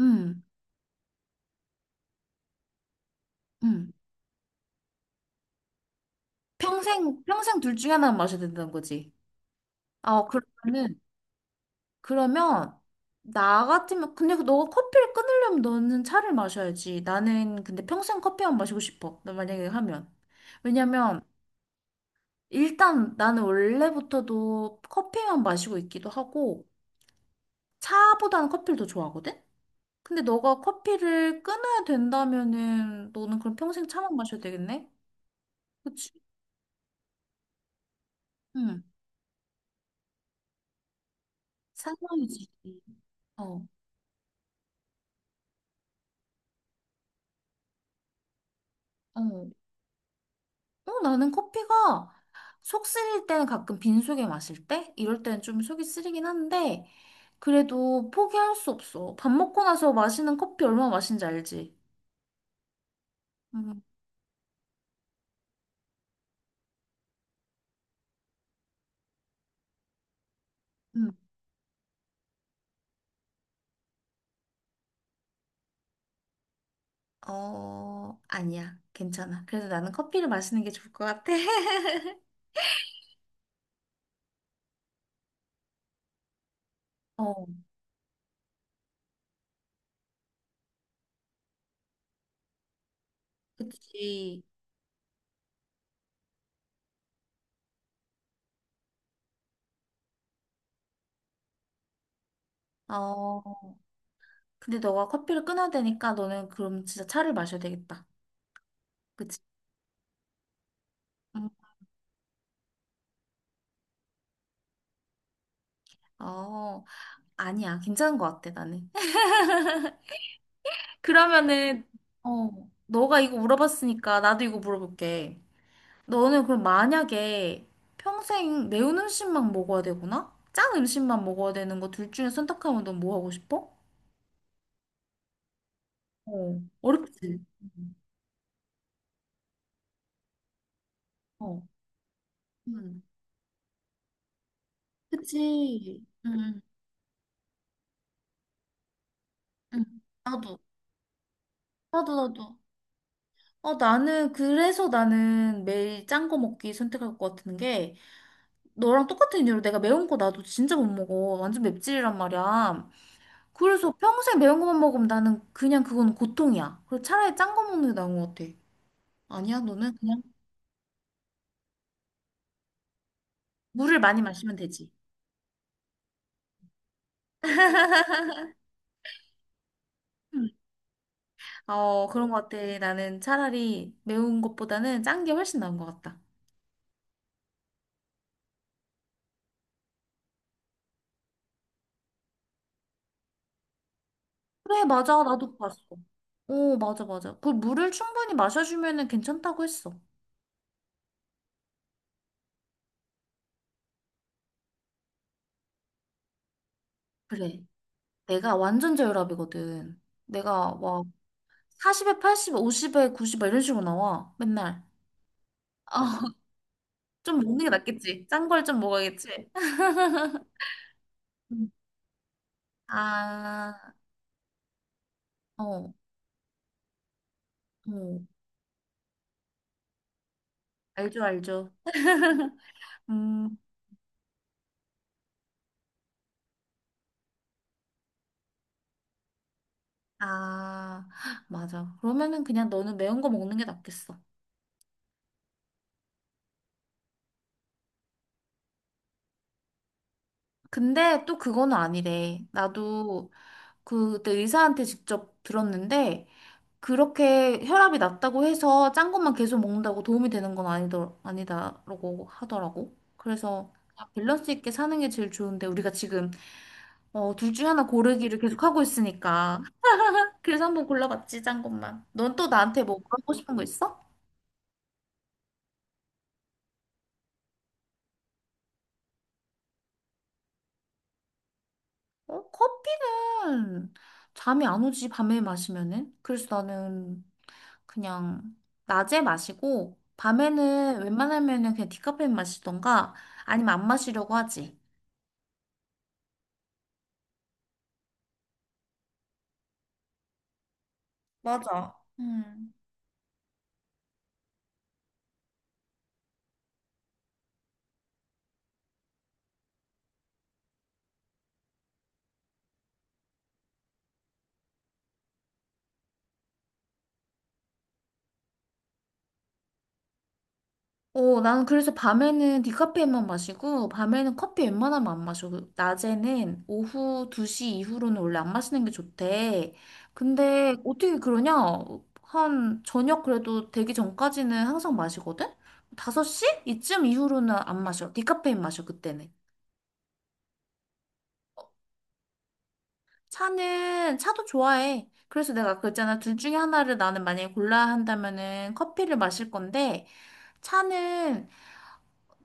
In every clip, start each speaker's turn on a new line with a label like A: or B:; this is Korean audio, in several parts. A: 음, 음. 평생 둘 중에 하나는 마셔야 된다는 거지. 아, 그러면, 나 같으면, 근데 그 너가 커피를 끊으려면 너는 차를 마셔야지. 나는 근데 평생 커피만 마시고 싶어. 나 만약에 하면. 왜냐면, 일단 나는 원래부터도 커피만 마시고 있기도 하고, 차보다는 커피를 더 좋아하거든? 근데 너가 커피를 끊어야 된다면은, 너는 그럼 평생 차만 마셔야 되겠네? 그치? 응. 사랑이지. 어, 어. 어, 나는 커피가 속 쓰릴 때는 가끔 빈속에 마실 때? 이럴 때는 좀 속이 쓰리긴 한데, 그래도 포기할 수 없어. 밥 먹고 나서 마시는 커피 얼마나 맛있는지 알지? 음, 음. 어, 아니야. 괜찮아. 그래도 나는 커피를 마시는 게 좋을 것 같아. 어, 그치. 어, 근데 너가 커피를 끊어야 되니까 너는 그럼 진짜 차를 마셔야 되겠다. 그치? 응. 어, 아니야. 괜찮은 것 같아, 나는. 그러면은, 어, 너가 이거 물어봤으니까 나도 이거 물어볼게. 너는 그럼 만약에 평생 매운 음식만 먹어야 되구나? 짠 음식만 먹어야 되는 거 둘 중에 선택하면 넌 뭐 하고 싶어? 어, 어렵지. 음. 어, 음. 그치. 나도, 나도, 나도. 어, 그래서 나는 매일 짠 거 먹기 선택할 것 같은 게, 너랑 똑같은 이유로 내가 매운 거 나도 진짜 못 먹어. 완전 맵찔이란 말이야. 그래서 평생 매운 것만 먹으면 나는 그냥 그건 고통이야. 그래서 차라리 짠 거 먹는 게 나은 것 같아. 아니야, 너는 그냥 물을 많이 마시면 되지. 음. 어, 그런 것 같아. 나는 차라리 매운 것보다는 짠 게 훨씬 나은 것 같다. 그래, 맞아. 나도 봤어. 오, 맞아, 맞아. 그 물을 충분히 마셔주면은 괜찮다고 했어. 그래. 내가 완전 저혈압이거든. 내가 와, 40에 80에 50에 90에 이런 식으로 나와. 맨날. 어, 좀 먹는 게 낫겠지. 짠 걸 좀 먹어야겠지. 아, 어, 어, 알죠, 알죠. 음, 아, 맞아. 그러면은 그냥 너는 매운 거 먹는 게 낫겠어. 근데 또 그거는 아니래. 나도 그때 의사한테 직접 들었는데, 그렇게 혈압이 낮다고 해서 짠 것만 계속 먹는다고 도움이 되는 건 아니다라고 하더라고. 그래서 그냥 밸런스 있게 사는 게 제일 좋은데, 우리가 지금 어, 둘 중에 하나 고르기를 계속 하고 있으니까. 그래서 한번 골라봤지, 짠 것만. 넌 또 나한테 뭐 물어보고 싶은 거 있어? 어, 커피는 잠이 안 오지, 밤에 마시면은. 그래서 나는 그냥 낮에 마시고, 밤에는 웬만하면은 그냥 디카페인 마시던가, 아니면 안 마시려고 하지. 맞아. 음. 어, 나는 그래서 밤에는 디카페인만 마시고, 밤에는 커피 웬만하면 안 마셔. 그 낮에는 오후 2시 이후로는 원래 안 마시는 게 좋대. 근데 어떻게 그러냐? 한 저녁 그래도 되기 전까지는 항상 마시거든? 5시? 이쯤 이후로는 안 마셔. 디카페인 마셔, 그때는. 차는, 차도 좋아해. 그래서 내가 아까 그랬잖아. 둘 중에 하나를 나는 만약에 골라야 한다면은 커피를 마실 건데, 차는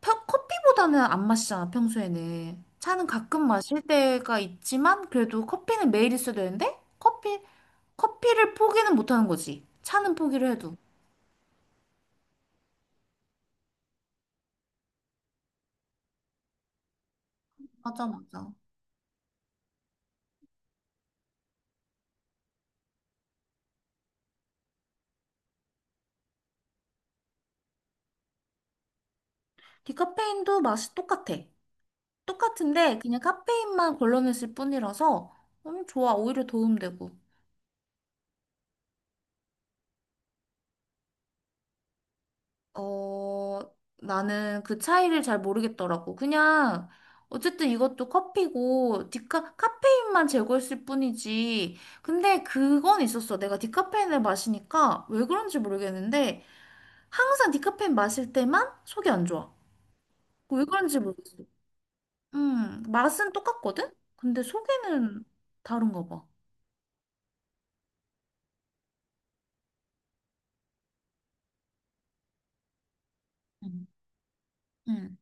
A: 커피보다는 안 마시잖아, 평소에는. 차는 가끔 마실 때가 있지만, 그래도 커피는 매일 있어야 되는데, 커피를 포기는 못 하는 거지. 차는 포기를 해도. 맞아, 맞아. 디카페인도 맛이 똑같아. 똑같은데, 그냥 카페인만 걸러냈을 뿐이라서, 좋아. 오히려 도움되고. 어, 나는 그 차이를 잘 모르겠더라고. 그냥, 어쨌든 이것도 커피고, 카페인만 제거했을 뿐이지. 근데 그건 있었어. 내가 디카페인을 마시니까, 왜 그런지 모르겠는데, 항상 디카페인 마실 때만 속이 안 좋아. 왜 그런지 모르겠어. 맛은 똑같거든? 근데 속에는 다른가 봐. 음. 음.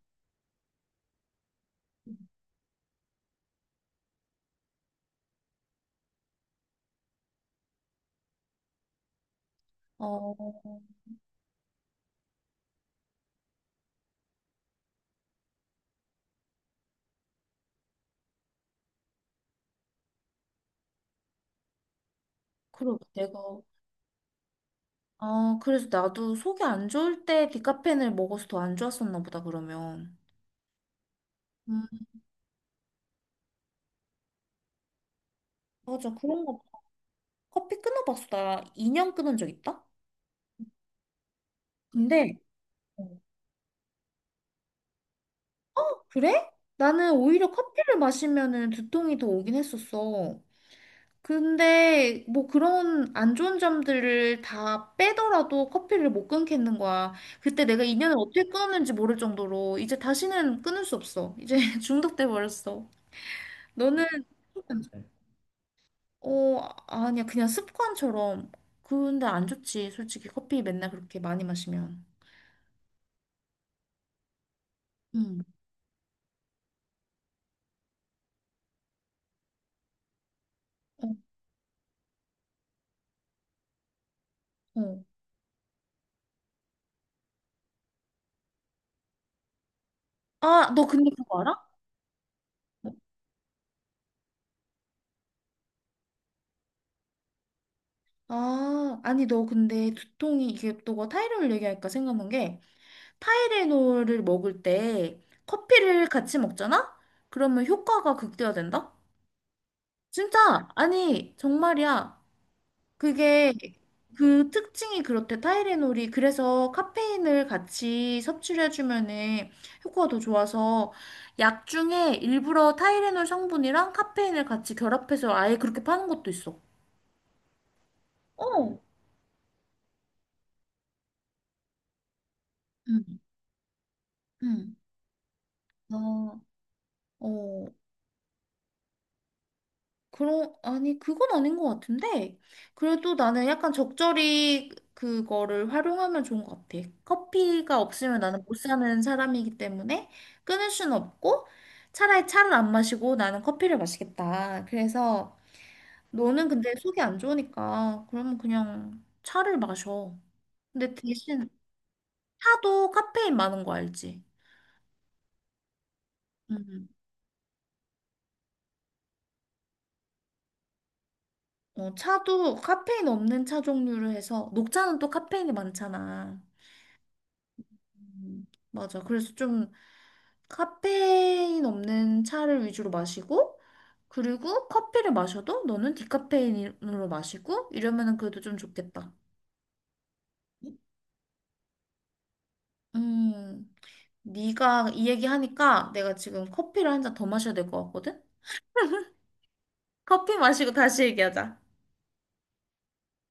A: 어, 그러게. 내가 아, 그래서 나도 속이 안 좋을 때 디카페인을 먹어서 더 안 좋았었나 보다, 그러면. 음, 맞아. 그런 거 커피 끊어봤어. 나 2년 끊은 적 있다? 근데, 어. 그래? 나는 오히려 커피를 마시면은 두통이 더 오긴 했었어. 근데 뭐 그런 안 좋은 점들을 다 빼더라도 커피를 못 끊겠는 거야. 그때 내가 2년을 어떻게 끊었는지 모를 정도로 이제 다시는 끊을 수 없어. 이제 중독돼 버렸어. 너는 어, 아니야. 그냥 습관처럼. 근데 안 좋지. 솔직히 커피 맨날 그렇게 많이 마시면. 응. 어, 어. 아, 너 근데 그거 알아? 아, 아니, 너 근데 두통이, 이게 너가 타이레놀 얘기하니까 생각난 게, 타이레놀을 먹을 때 커피를 같이 먹잖아? 그러면 효과가 극대화된다? 진짜! 아니, 정말이야. 그게 그 특징이 그렇대. 타이레놀이 그래서 카페인을 같이 섭취를 해주면은 효과가 더 좋아서 약 중에 일부러 타이레놀 성분이랑 카페인을 같이 결합해서 아예 그렇게 파는 것도 있어. 어. 응, 응. 어. 어. 아니, 그건 아닌 것 같은데. 그래도 나는 약간 적절히 그거를 활용하면 좋은 것 같아. 커피가 없으면 나는 못 사는 사람이기 때문에 끊을 수는 없고 차라리 차를 안 마시고 나는 커피를 마시겠다. 그래서 너는 근데 속이 안 좋으니까 그러면 그냥 차를 마셔. 근데 대신 차도 카페인 많은 거 알지? 음. 어, 차도 카페인 없는 차 종류를 해서 녹차는 또 카페인이 많잖아. 음, 맞아. 그래서 좀 카페인 없는 차를 위주로 마시고, 그리고 커피를 마셔도 너는 디카페인으로 마시고, 이러면은 그래도 좀 좋겠다. 음, 네가 이 얘기 하니까 내가 지금 커피를 한 잔 더 마셔야 될 것 같거든? 커피 마시고 다시 얘기하자.